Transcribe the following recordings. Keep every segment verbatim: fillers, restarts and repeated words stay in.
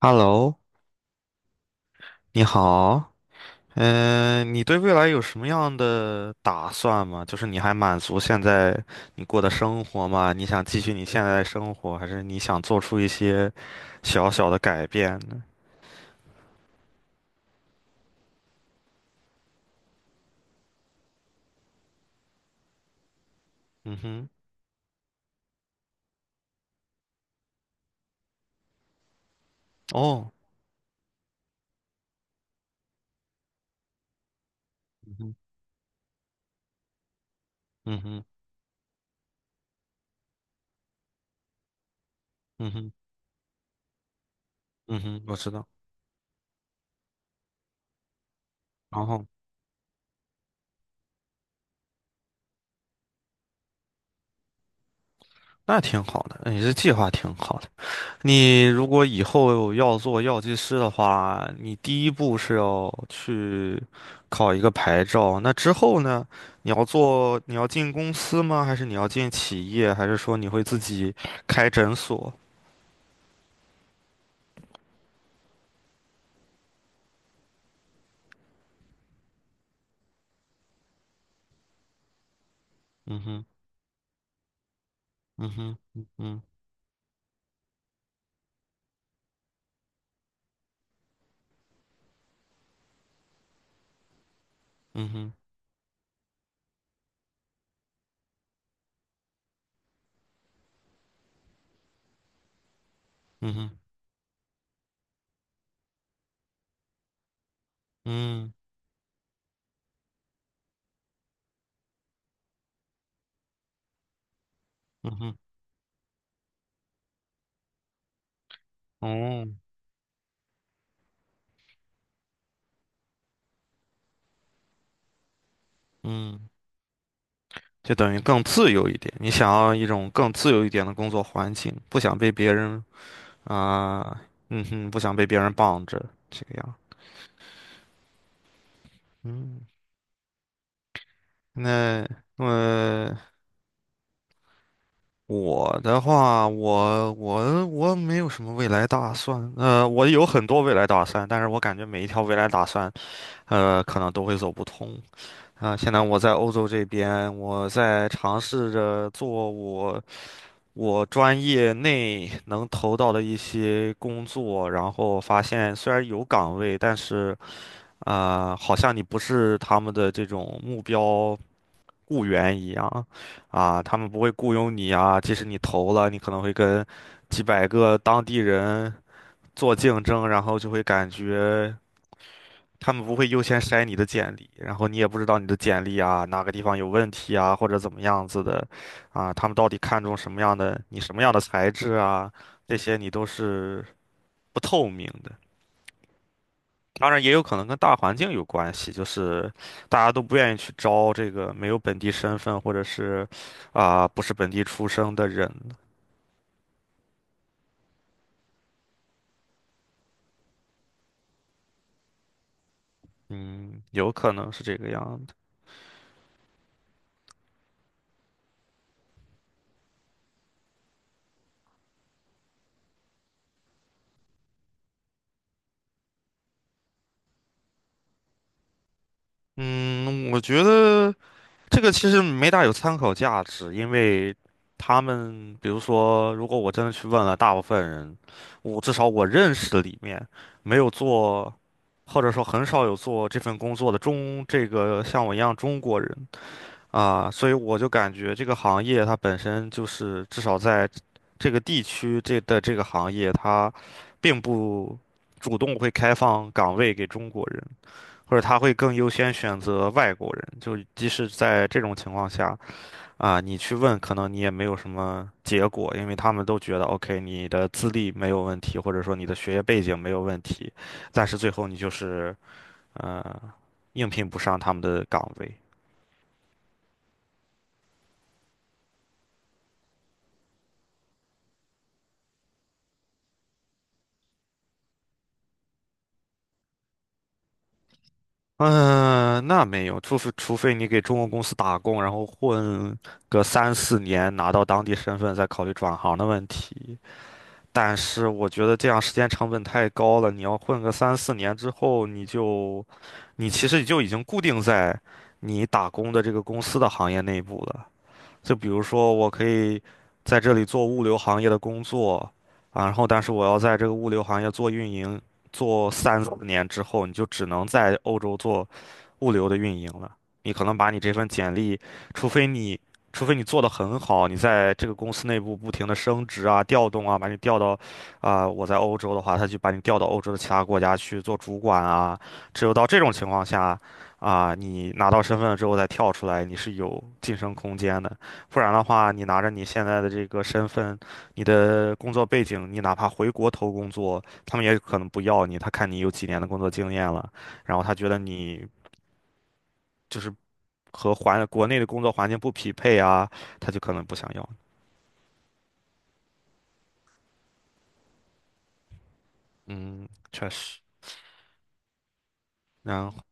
Hello，你好，嗯、你对未来有什么样的打算吗？就是你还满足现在你过的生活吗？你想继续你现在的生活，还是你想做出一些小小的改变呢？嗯哼，哦，嗯哼，嗯哼，嗯哼，嗯哼，我知道。然后那挺好的，你这计划挺好的。你如果以后要做药剂师的话，你第一步是要去考一个牌照。那之后呢？你要做，你要进公司吗？还是你要进企业？还是说你会自己开诊所？嗯哼，嗯哼，嗯哼，嗯哼，嗯哼，嗯嗯哼，哦，嗯，就等于更自由一点。你想要一种更自由一点的工作环境，不想被别人啊，嗯哼，不想被别人绑着，这个样。嗯。那呃，我的话，我我我没有什么未来打算。呃，我有很多未来打算，但是我感觉每一条未来打算，呃，可能都会走不通。啊、现在我在欧洲这边，我在尝试着做我我专业内能投到的一些工作，然后发现虽然有岗位，但是啊、呃好像你不是他们的这种目标。雇员一样，啊，他们不会雇佣你啊，即使你投了，你可能会跟几百个当地人做竞争，然后就会感觉他们不会优先筛你的简历，然后你也不知道你的简历啊哪个地方有问题啊，或者怎么样子的，啊，他们到底看中什么样的，你什么样的材质啊，这些你都是不透明的。当然也有可能跟大环境有关系，就是大家都不愿意去招这个没有本地身份或者是啊、不是本地出生的人，嗯，有可能是这个样子。嗯，我觉得这个其实没大有参考价值，因为他们比如说，如果我真的去问了大部分人，我至少我认识的里面没有做，或者说很少有做这份工作的中这个像我一样中国人。啊，所以我就感觉这个行业它本身就是，至少在这个地区这的这个行业，它并不主动会开放岗位给中国人，或者他会更优先选择外国人。就即使在这种情况下，啊，你去问，可能你也没有什么结果，因为他们都觉得 OK，你的资历没有问题，或者说你的学业背景没有问题，但是最后你就是呃应聘不上他们的岗位。嗯，那没有，除非除非你给中国公司打工，然后混个三四年，拿到当地身份，再考虑转行的问题。但是我觉得这样时间成本太高了，你要混个三四年之后，你就，你其实就已经固定在你打工的这个公司的行业内部了。就比如说，我可以在这里做物流行业的工作，啊，然后但是我要在这个物流行业做运营，做三四年之后，你就只能在欧洲做物流的运营了。你可能把你这份简历，除非你除非你做得很好，你在这个公司内部不停的升职啊、调动啊，把你调到啊、我在欧洲的话，他就把你调到欧洲的其他国家去做主管啊。只有到这种情况下，啊，你拿到身份了之后再跳出来，你是有晋升空间的。不然的话，你拿着你现在的这个身份，你的工作背景，你哪怕回国投工作，他们也可能不要你。他看你有几年的工作经验了，然后他觉得你就是和环国内的工作环境不匹配啊，他就可能不想要你。嗯，确实。然后，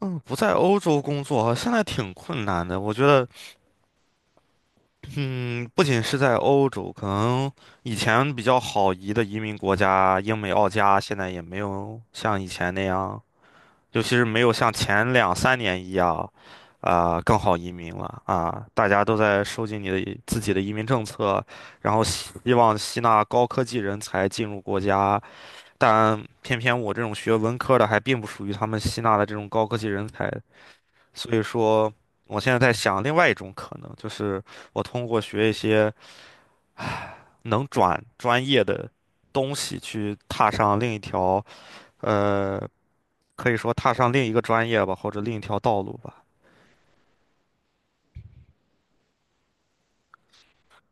嗯，不在欧洲工作现在挺困难的。我觉得，嗯，不仅是在欧洲，可能以前比较好移的移民国家，英美澳加，现在也没有像以前那样。尤其是没有像前两三年一样，啊、更好移民了啊！大家都在收紧你的自己的移民政策，然后希希望吸纳高科技人才进入国家，但偏偏我这种学文科的还并不属于他们吸纳的这种高科技人才，所以说，我现在在想另外一种可能，就是我通过学一些能转专业的东西去踏上另一条。呃。可以说踏上另一个专业吧，或者另一条道路吧。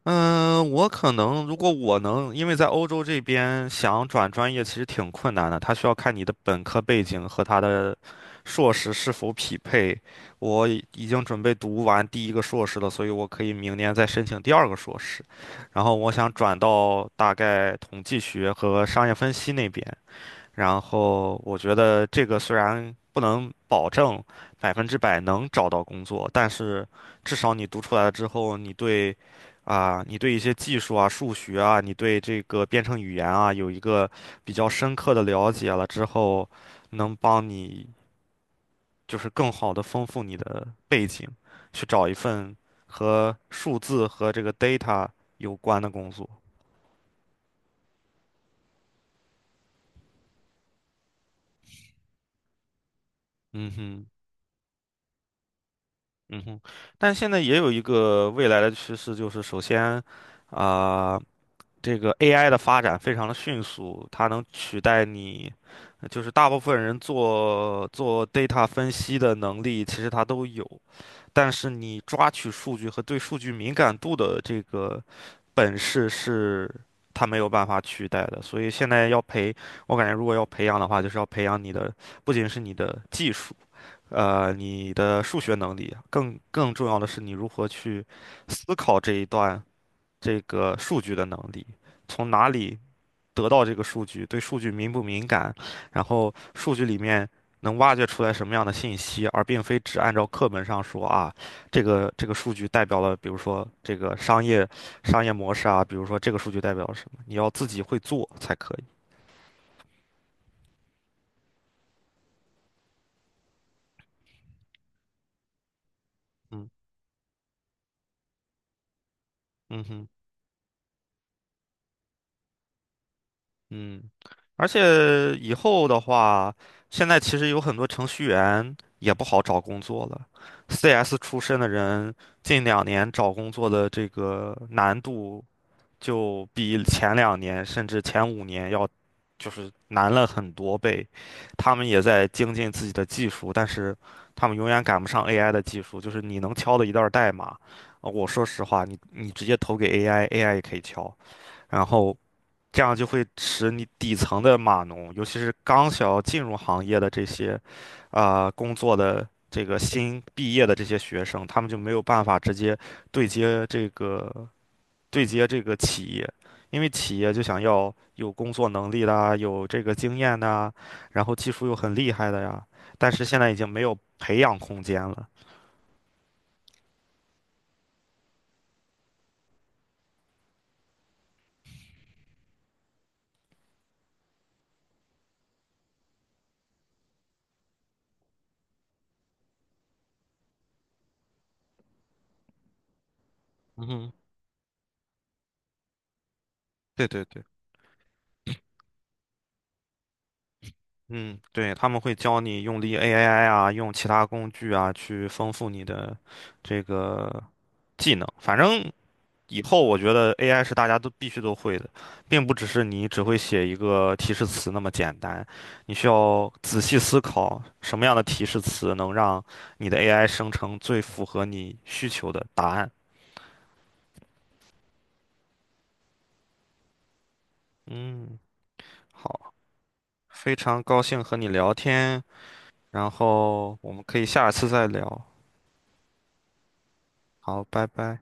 嗯，我可能如果我能，因为在欧洲这边想转专业其实挺困难的，他需要看你的本科背景和他的硕士是否匹配。我已已经准备读完第一个硕士了，所以我可以明年再申请第二个硕士。然后我想转到大概统计学和商业分析那边，然后我觉得这个虽然不能保证百分之百能找到工作，但是至少你读出来了之后，你对啊、你对一些技术啊、数学啊，你对这个编程语言啊，有一个比较深刻的了解了之后，能帮你就是更好的丰富你的背景，去找一份和数字和这个 data 有关的工作。嗯哼。嗯哼，但现在也有一个未来的趋势，就是首先，啊、这个 A I 的发展非常的迅速，它能取代你，就是大部分人做做 data 分析的能力，其实它都有，但是你抓取数据和对数据敏感度的这个本事是它没有办法取代的。所以现在要培，我感觉如果要培养的话，就是要培养你的，不仅是你的技术。呃，你的数学能力，更更重要的是你如何去思考这一段这个数据的能力，从哪里得到这个数据，对数据敏不敏感，然后数据里面能挖掘出来什么样的信息，而并非只按照课本上说啊，这个这个数据代表了，比如说这个商业商业模式啊，比如说这个数据代表了什么，你要自己会做才可以。嗯嗯哼。嗯，而且以后的话，现在其实有很多程序员也不好找工作了。C S 出身的人，近两年找工作的这个难度就比前两年甚至前五年要就是难了很多倍。他们也在精进自己的技术，但是他们永远赶不上 A I 的技术。就是你能敲的一段代码，呃我说实话，你你直接投给 A I，A I 也可以敲。然后这样就会使你底层的码农，尤其是刚想要进入行业的这些，啊、工作的这个新毕业的这些学生，他们就没有办法直接对接这个对接这个企业，因为企业就想要有工作能力啦，有这个经验呐，然后技术又很厉害的呀，但是现在已经没有培养空间了。嗯哼对对对。嗯，对，他们会教你用力 A I 啊，用其他工具啊，去丰富你的这个技能。反正以后我觉得 A I 是大家都必须都会的，并不只是你只会写一个提示词那么简单。你需要仔细思考什么样的提示词能让你的 A I 生成最符合你需求的答案。嗯，好，非常高兴和你聊天，然后我们可以下一次再聊。好，拜拜。